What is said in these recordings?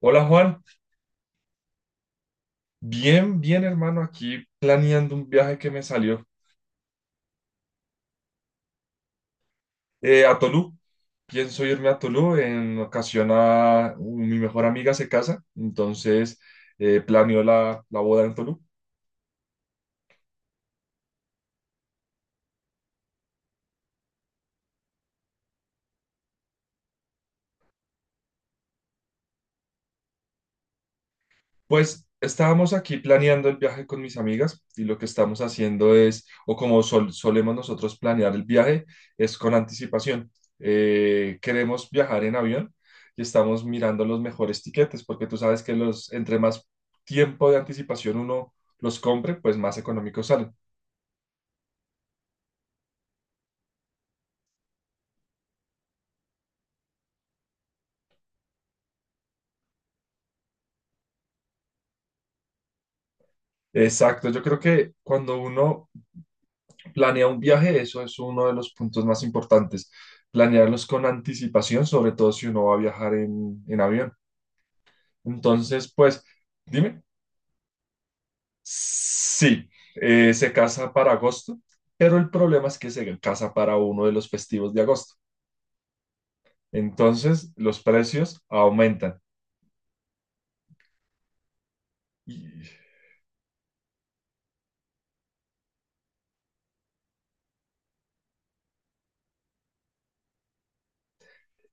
Hola Juan, bien, bien hermano, aquí planeando un viaje que me salió a Tolú. Pienso irme a Tolú, en ocasión a mi mejor amiga se casa, entonces planeo la boda en Tolú. Pues estábamos aquí planeando el viaje con mis amigas y lo que estamos haciendo es, o como solemos nosotros planear el viaje, es con anticipación. Queremos viajar en avión y estamos mirando los mejores tiquetes porque tú sabes que los, entre más tiempo de anticipación uno los compre, pues más económicos salen. Exacto, yo creo que cuando uno planea un viaje, eso es uno de los puntos más importantes, planearlos con anticipación, sobre todo si uno va a viajar en avión. Entonces, pues, dime, sí, se casa para agosto, pero el problema es que se casa para uno de los festivos de agosto. Entonces, los precios aumentan.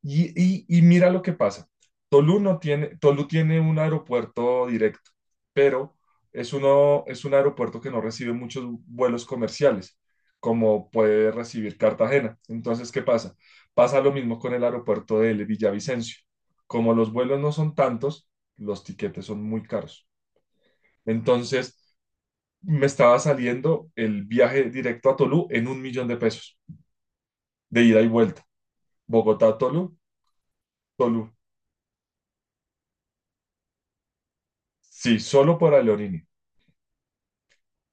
Y mira lo que pasa. Tolu no tiene, Tolu tiene un aeropuerto directo, pero es uno, es un aeropuerto que no recibe muchos vuelos comerciales, como puede recibir Cartagena. Entonces, ¿qué pasa? Pasa lo mismo con el aeropuerto de Villavicencio. Como los vuelos no son tantos, los tiquetes son muy caros. Entonces, me estaba saliendo el viaje directo a Tolú en 1.000.000 de pesos, de ida y vuelta. Bogotá a Tolú, Tolú. Sí, solo por Leonini.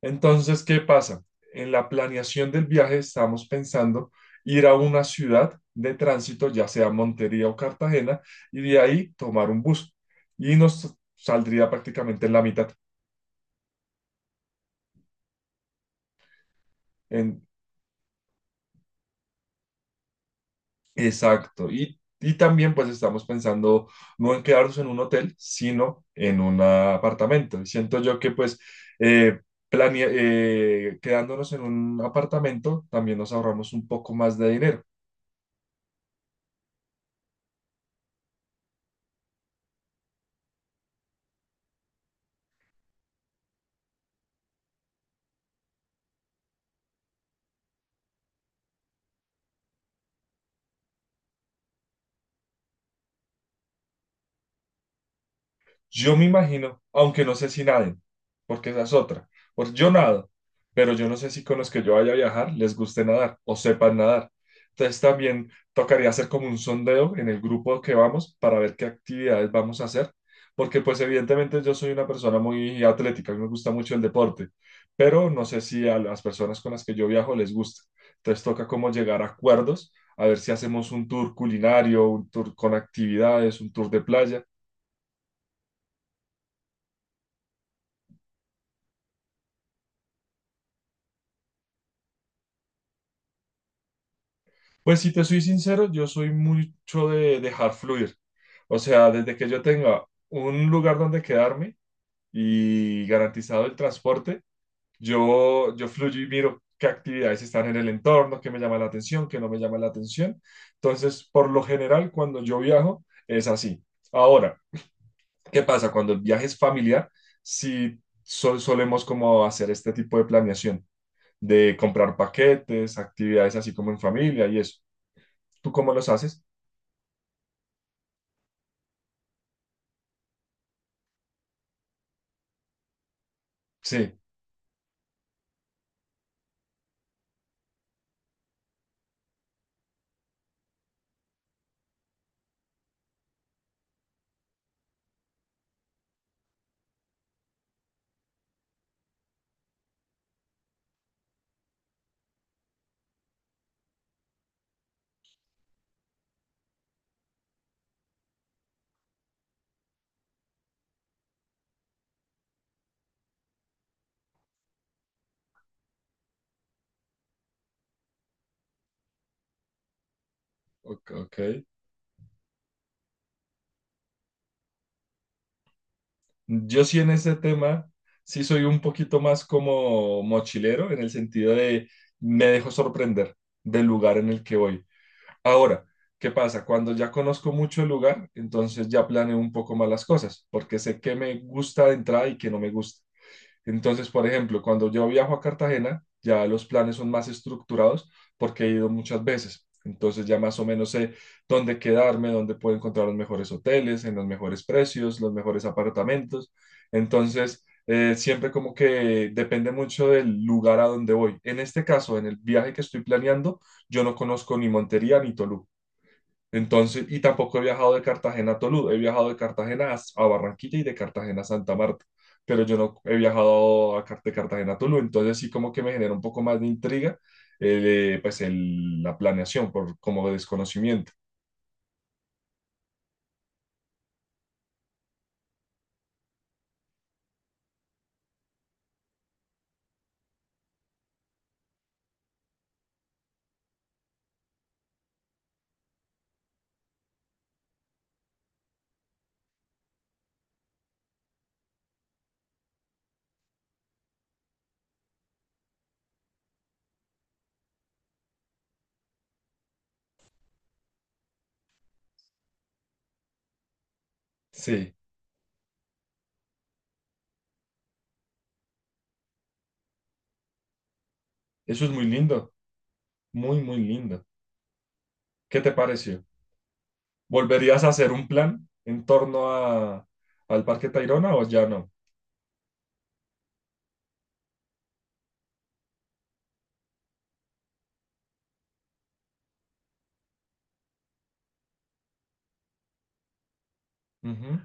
Entonces, ¿qué pasa? En la planeación del viaje estamos pensando ir a una ciudad de tránsito, ya sea Montería o Cartagena, y de ahí tomar un bus. Y nos saldría prácticamente en la mitad. En, exacto. Y también pues estamos pensando no en quedarnos en un hotel, sino en un apartamento. Y siento yo que pues eh, quedándonos en un apartamento también nos ahorramos un poco más de dinero. Yo me imagino, aunque no sé si naden, porque esa es otra. Porque yo nado, pero yo no sé si con los que yo vaya a viajar les guste nadar o sepan nadar. Entonces también tocaría hacer como un sondeo en el grupo que vamos para ver qué actividades vamos a hacer, porque pues evidentemente yo soy una persona muy atlética, a mí me gusta mucho el deporte, pero no sé si a las personas con las que yo viajo les gusta. Entonces toca como llegar a acuerdos, a ver si hacemos un tour culinario, un tour con actividades, un tour de playa. Pues si te soy sincero, yo soy mucho de dejar fluir. O sea, desde que yo tenga un lugar donde quedarme y garantizado el transporte, yo fluyo y miro qué actividades están en el entorno, qué me llama la atención, qué no me llama la atención. Entonces, por lo general, cuando yo viajo, es así. Ahora, ¿qué pasa cuando el viaje es familiar? Si solemos como hacer este tipo de planeación, de comprar paquetes, actividades así como en familia y eso. ¿Tú cómo los haces? Sí, ok. Ok. Yo sí en ese tema, sí soy un poquito más como mochilero en el sentido de me dejo sorprender del lugar en el que voy. Ahora, ¿qué pasa? Cuando ya conozco mucho el lugar, entonces ya planeo un poco más las cosas, porque sé qué me gusta de entrada y qué no me gusta. Entonces, por ejemplo, cuando yo viajo a Cartagena, ya los planes son más estructurados porque he ido muchas veces. Entonces ya más o menos sé dónde quedarme, dónde puedo encontrar los mejores hoteles, en los mejores precios, los mejores apartamentos. Entonces, siempre como que depende mucho del lugar a donde voy. En este caso, en el viaje que estoy planeando, yo no conozco ni Montería ni Toluca. Entonces, y tampoco he viajado de Cartagena a Tolú, he viajado de Cartagena a Barranquilla y de Cartagena a Santa Marta, pero yo no he viajado de Cartagena a Tolú, entonces sí como que me genera un poco más de intriga pues la planeación por como desconocimiento. Sí, eso es muy lindo, muy, muy lindo. ¿Qué te pareció? ¿Volverías a hacer un plan en torno a, al Parque Tayrona o ya no? Ujú.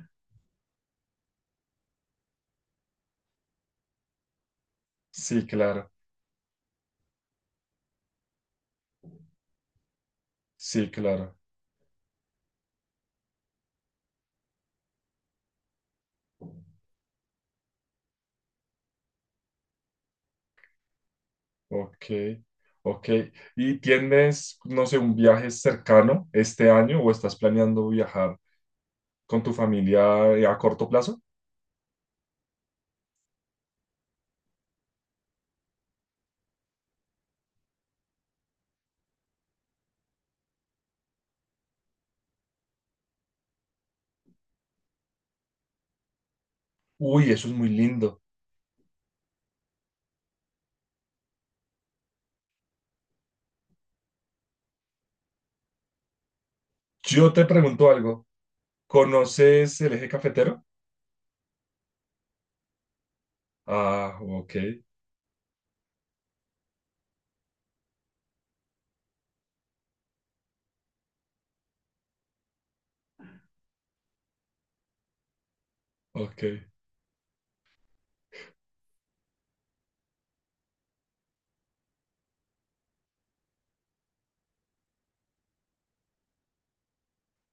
Sí, claro, sí, claro. Ok, ok. ¿Y tienes, no sé, un viaje cercano este año o estás planeando viajar con tu familia a corto plazo? Uy, eso es muy lindo. Yo te pregunto algo. ¿Conoces el eje cafetero? Ah, ok, ok.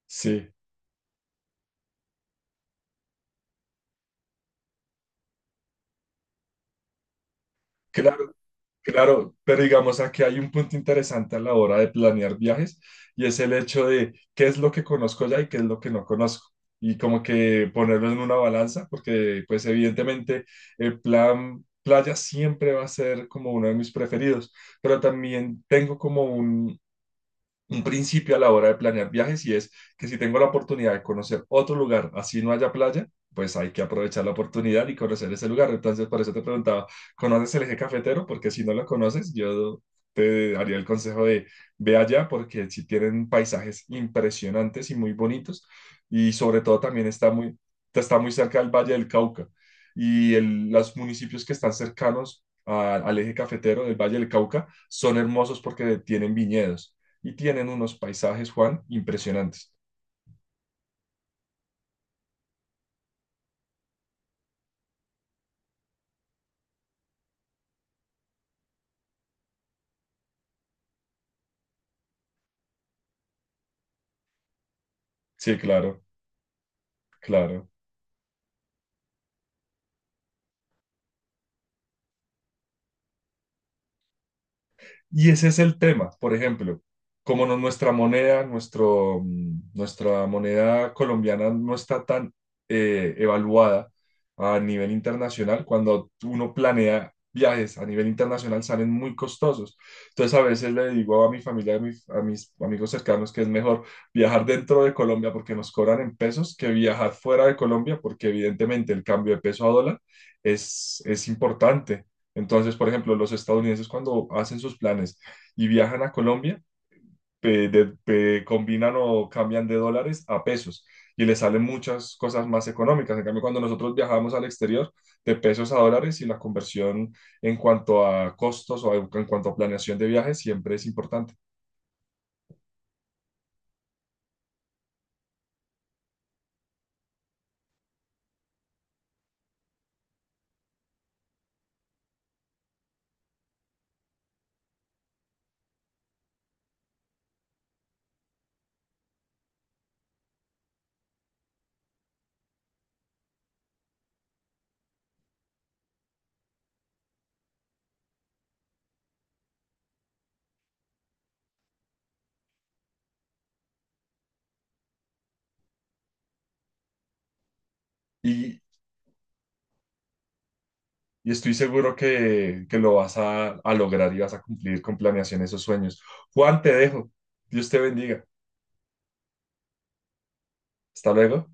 Sí. Claro, claro, pero digamos aquí hay un punto interesante a la hora de planear viajes y es el hecho de qué es lo que conozco ya y qué es lo que no conozco y como que ponerlo en una balanza porque pues evidentemente el plan playa siempre va a ser como uno de mis preferidos, pero también tengo como un principio a la hora de planear viajes y es que si tengo la oportunidad de conocer otro lugar, así no haya playa, pues hay que aprovechar la oportunidad y conocer ese lugar. Entonces, por eso te preguntaba, ¿conoces el eje cafetero? Porque si no lo conoces, yo te daría el consejo de ve allá porque si tienen paisajes impresionantes y muy bonitos y sobre todo también está muy cerca del Valle del Cauca y los municipios que están cercanos al eje cafetero del Valle del Cauca son hermosos porque tienen viñedos y tienen unos paisajes, Juan, impresionantes. Sí, claro, claro. Y ese es el tema, por ejemplo, como nuestra moneda, nuestra moneda colombiana no está tan evaluada a nivel internacional, cuando uno planea viajes a nivel internacional salen muy costosos. Entonces a veces le digo a mi familia, a mis amigos cercanos que es mejor viajar dentro de Colombia porque nos cobran en pesos que viajar fuera de Colombia porque evidentemente el cambio de peso a dólar es importante. Entonces, por ejemplo, los estadounidenses cuando hacen sus planes y viajan a Colombia, combinan o cambian de dólares a pesos y les salen muchas cosas más económicas. En cambio, cuando nosotros viajamos al exterior, de pesos a dólares y la conversión en cuanto a costos o en cuanto a planeación de viajes siempre es importante. Y, y estoy seguro que lo vas a lograr y vas a cumplir con planeación esos sueños. Juan, te dejo. Dios te bendiga. Hasta luego.